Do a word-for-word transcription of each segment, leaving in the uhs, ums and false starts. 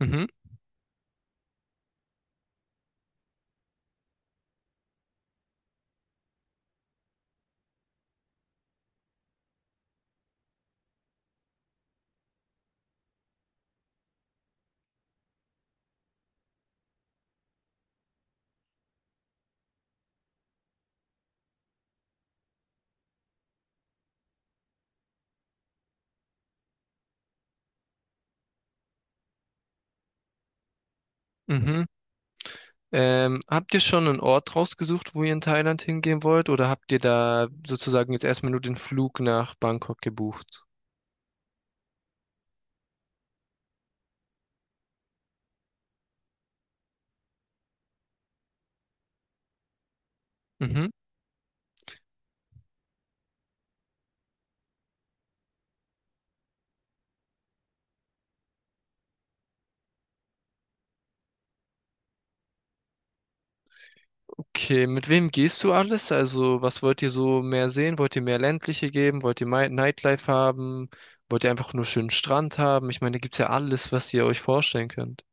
Mhm, mhm. Ähm, habt ihr schon einen Ort rausgesucht, wo ihr in Thailand hingehen wollt, oder habt ihr da sozusagen jetzt erstmal nur den Flug nach Bangkok gebucht? Mhm. Okay, mit wem gehst du alles? Also, was wollt ihr so mehr sehen? Wollt ihr mehr ländliche geben? Wollt ihr Mi- Nightlife haben? Wollt ihr einfach nur schönen Strand haben? Ich meine, da gibt's ja alles, was ihr euch vorstellen könnt.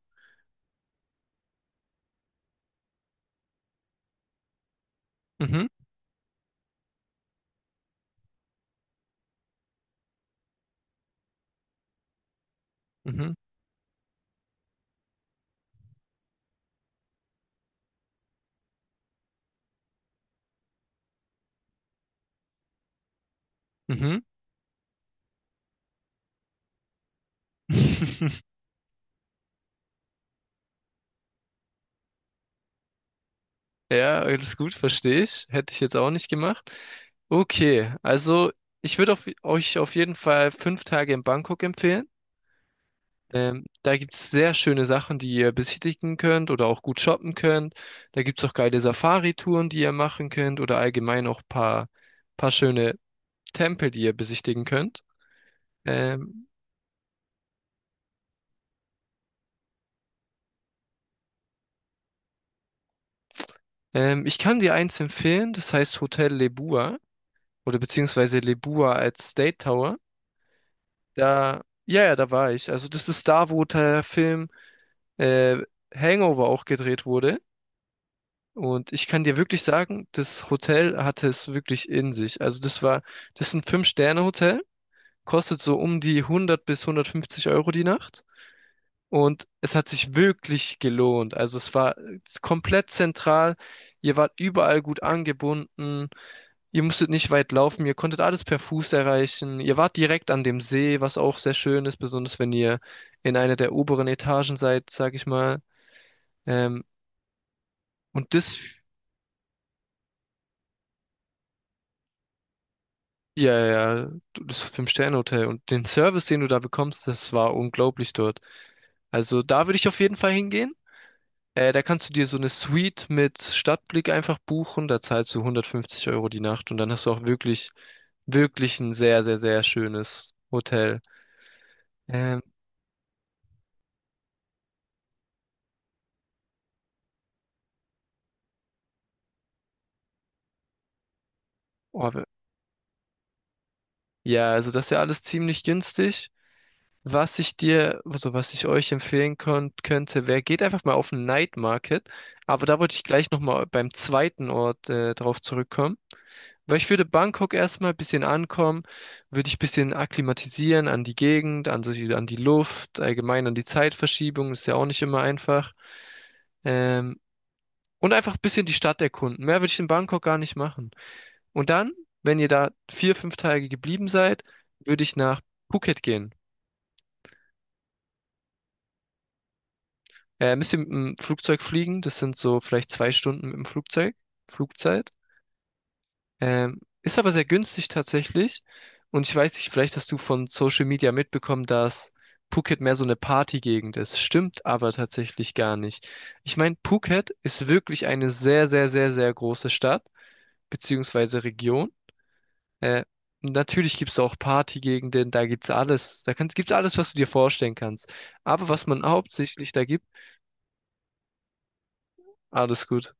Mhm, mhm, mhm. Ja, alles gut, verstehe ich. Hätte ich jetzt auch nicht gemacht. Okay, also ich würde auf, euch auf jeden Fall fünf Tage in Bangkok empfehlen. Ähm, da gibt es sehr schöne Sachen, die ihr besichtigen könnt oder auch gut shoppen könnt. Da gibt es auch geile Safari-Touren, die ihr machen könnt oder allgemein auch paar, paar schöne Tempel, die ihr besichtigen könnt. Ähm, ähm, Ich kann dir eins empfehlen, das heißt Hotel Lebua oder beziehungsweise Lebua als State Tower. Da, ja, ja, da war ich. Also das ist da, wo der Film äh, Hangover auch gedreht wurde. Und ich kann dir wirklich sagen, das Hotel hatte es wirklich in sich. Also das war, das ist ein Fünf-Sterne-Hotel, kostet so um die hundert bis hundertfünfzig Euro die Nacht. Und es hat sich wirklich gelohnt. Also es war komplett zentral. Ihr wart überall gut angebunden. Ihr musstet nicht weit laufen, ihr konntet alles per Fuß erreichen. Ihr wart direkt an dem See, was auch sehr schön ist, besonders wenn ihr in einer der oberen Etagen seid, sag ich mal. Ähm, und das, ja, ja, das Fünf-Sterne-Hotel und den Service, den du da bekommst, das war unglaublich dort. Also da würde ich auf jeden Fall hingehen. Äh, da kannst du dir so eine Suite mit Stadtblick einfach buchen. Da zahlst du hundertfünfzig Euro die Nacht und dann hast du auch wirklich, wirklich ein sehr, sehr, sehr schönes Hotel. Ähm, oh, ja, also das ist ja alles ziemlich günstig. Was ich dir, also was ich euch empfehlen kon- könnte, wäre, geht einfach mal auf den Night Market. Aber da wollte ich gleich nochmal beim zweiten Ort äh, drauf zurückkommen. Weil ich würde Bangkok erstmal ein bisschen ankommen, würde ich ein bisschen akklimatisieren an die Gegend, an die, an die Luft, allgemein an die Zeitverschiebung, ist ja auch nicht immer einfach. Ähm, und einfach ein bisschen die Stadt erkunden. Mehr würde ich in Bangkok gar nicht machen. Und dann, wenn ihr da vier, fünf Tage geblieben seid, würde ich nach Phuket gehen. Äh, müsst ihr mit dem Flugzeug fliegen. Das sind so vielleicht zwei Stunden mit dem Flugzeug. Flugzeit. Ähm, ist aber sehr günstig tatsächlich. Und ich weiß nicht, vielleicht hast du von Social Media mitbekommen, dass Phuket mehr so eine Partygegend ist. Stimmt aber tatsächlich gar nicht. Ich meine, Phuket ist wirklich eine sehr, sehr, sehr, sehr große Stadt, beziehungsweise Region. Äh, Natürlich gibt es auch Partygegenden, da gibt's alles. Da kannst, gibt's alles, was du dir vorstellen kannst. Aber was man hauptsächlich da gibt, alles gut.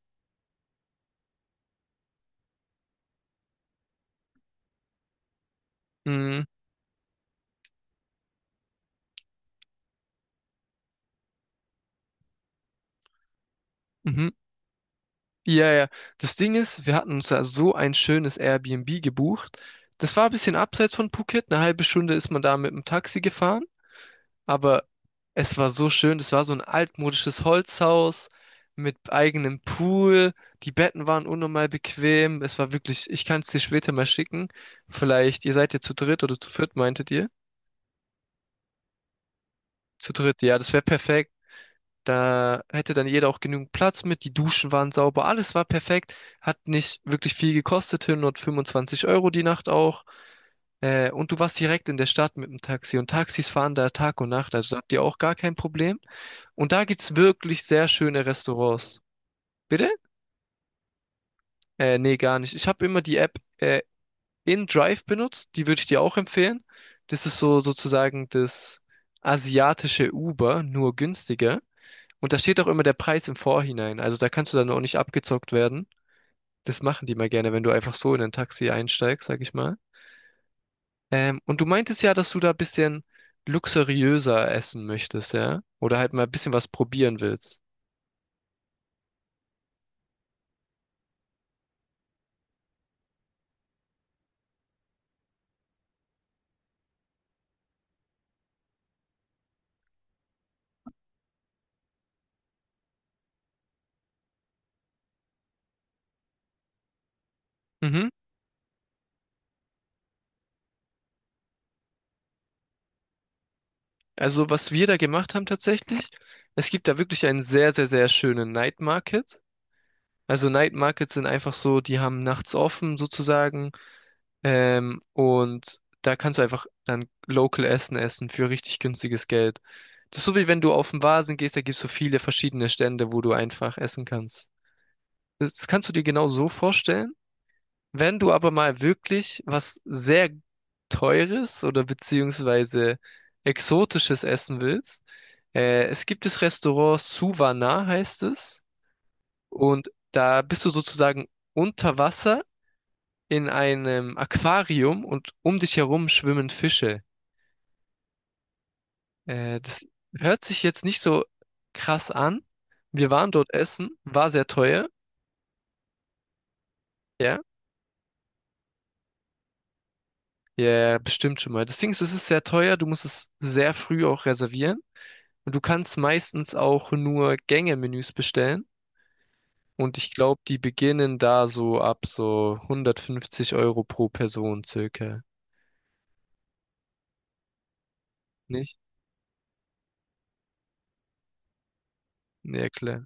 Mm. Mhm. Ja, ja. Das Ding ist, wir hatten uns da so ein schönes Airbnb gebucht. Das war ein bisschen abseits von Phuket. Eine halbe Stunde ist man da mit dem Taxi gefahren, aber es war so schön. Das war so ein altmodisches Holzhaus mit eigenem Pool. Die Betten waren unnormal bequem. Es war wirklich, ich kann es dir später mal schicken. Vielleicht, ihr seid ja zu dritt oder zu viert, meintet ihr? Zu dritt, ja, das wäre perfekt. Da hätte dann jeder auch genügend Platz mit. Die Duschen waren sauber, alles war perfekt. Hat nicht wirklich viel gekostet, hundertfünfundzwanzig Euro die Nacht auch. Äh, und du warst direkt in der Stadt mit dem Taxi. Und Taxis fahren da Tag und Nacht, also da habt ihr auch gar kein Problem. Und da gibt's wirklich sehr schöne Restaurants. Bitte? Äh, nee, gar nicht. Ich habe immer die App äh, InDrive benutzt. Die würde ich dir auch empfehlen. Das ist so sozusagen das asiatische Uber, nur günstiger. Und da steht auch immer der Preis im Vorhinein. Also da kannst du dann auch nicht abgezockt werden. Das machen die mal gerne, wenn du einfach so in ein Taxi einsteigst, sag ich mal. Ähm, und du meintest ja, dass du da ein bisschen luxuriöser essen möchtest, ja? Oder halt mal ein bisschen was probieren willst. Mhm. Also was wir da gemacht haben tatsächlich, es gibt da wirklich einen sehr, sehr, sehr schönen Night Market. Also Night Markets sind einfach so, die haben nachts offen sozusagen. Ähm, und da kannst du einfach dann local Essen essen für richtig günstiges Geld. Das ist so wie wenn du auf den Vasen gehst, da gibt es so viele verschiedene Stände, wo du einfach essen kannst. Das kannst du dir genau so vorstellen. Wenn du aber mal wirklich was sehr Teures oder beziehungsweise Exotisches essen willst, äh, es gibt das Restaurant Suvana, heißt es. Und da bist du sozusagen unter Wasser in einem Aquarium und um dich herum schwimmen Fische. Äh, das hört sich jetzt nicht so krass an. Wir waren dort essen, war sehr teuer. Ja, ja, bestimmt schon mal. Das Ding ist, es ist sehr teuer, du musst es sehr früh auch reservieren. Und du kannst meistens auch nur Gänge-Menüs bestellen. Und ich glaube, die beginnen da so ab so hundertfünfzig Euro pro Person circa. Nicht? Ja, klar.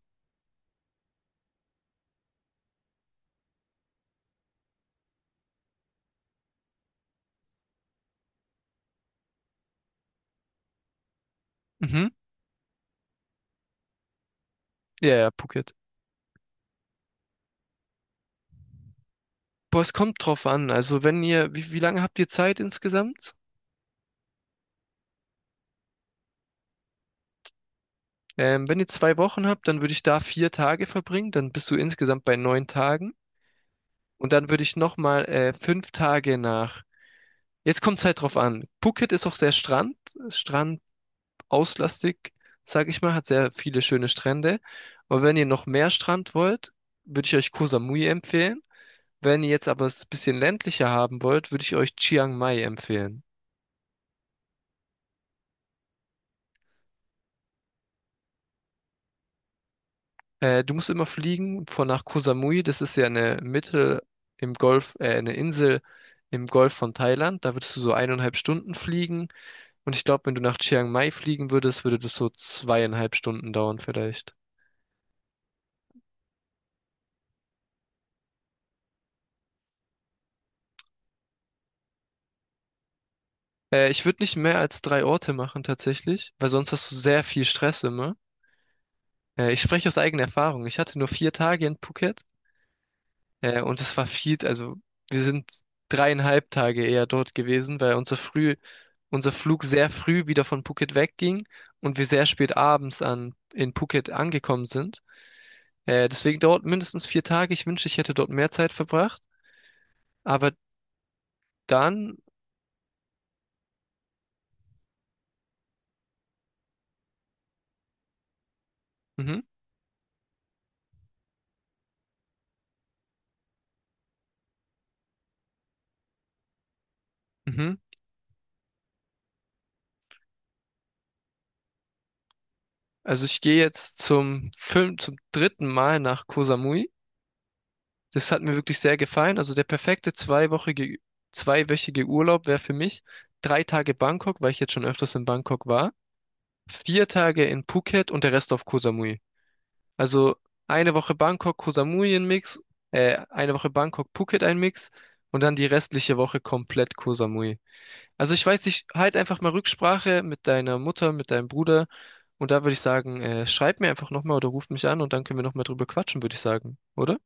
Mhm. Ja, ja, Phuket. Boah, es kommt drauf an. Also wenn ihr, wie, wie lange habt ihr Zeit insgesamt? Ähm, wenn ihr zwei Wochen habt, dann würde ich da vier Tage verbringen. Dann bist du insgesamt bei neun Tagen. Und dann würde ich nochmal äh, fünf Tage nach. Jetzt kommt es halt drauf an. Phuket ist auch sehr Strand, strandauslastig, sag ich mal, hat sehr viele schöne Strände. Aber wenn ihr noch mehr Strand wollt, würde ich euch Koh Samui empfehlen. Wenn ihr jetzt aber es ein bisschen ländlicher haben wollt, würde ich euch Chiang Mai empfehlen. Äh, du musst immer fliegen von nach Koh Samui. Das ist ja eine Mitte im Golf, äh, eine Insel im Golf von Thailand. Da würdest du so eineinhalb Stunden fliegen. Und ich glaube, wenn du nach Chiang Mai fliegen würdest, würde das so zweieinhalb Stunden dauern vielleicht. Äh, ich würde nicht mehr als drei Orte machen tatsächlich, weil sonst hast du sehr viel Stress immer. Äh, ich spreche aus eigener Erfahrung. Ich hatte nur vier Tage in Phuket. Äh, und es war viel, also wir sind dreieinhalb Tage eher dort gewesen, weil unser früh, unser Flug sehr früh wieder von Phuket wegging und wir sehr spät abends an, in Phuket angekommen sind. Äh, deswegen dauert mindestens vier Tage. Ich wünschte, ich hätte dort mehr Zeit verbracht. Aber dann, mhm, mhm. Also ich gehe jetzt zum fünf, zum dritten Mal nach Koh Samui. Das hat mir wirklich sehr gefallen. Also der perfekte zweiwöchige, zweiwöchige Urlaub wäre für mich drei Tage Bangkok, weil ich jetzt schon öfters in Bangkok war. Vier Tage in Phuket und der Rest auf Koh Samui. Also eine Woche Bangkok, Koh Samui ein Mix, äh, eine Woche Bangkok, Phuket ein Mix und dann die restliche Woche komplett Koh Samui. Also ich weiß nicht, halt einfach mal Rücksprache mit deiner Mutter, mit deinem Bruder und da würde ich sagen, äh, schreib mir einfach nochmal oder ruf mich an und dann können wir nochmal drüber quatschen, würde ich sagen, oder?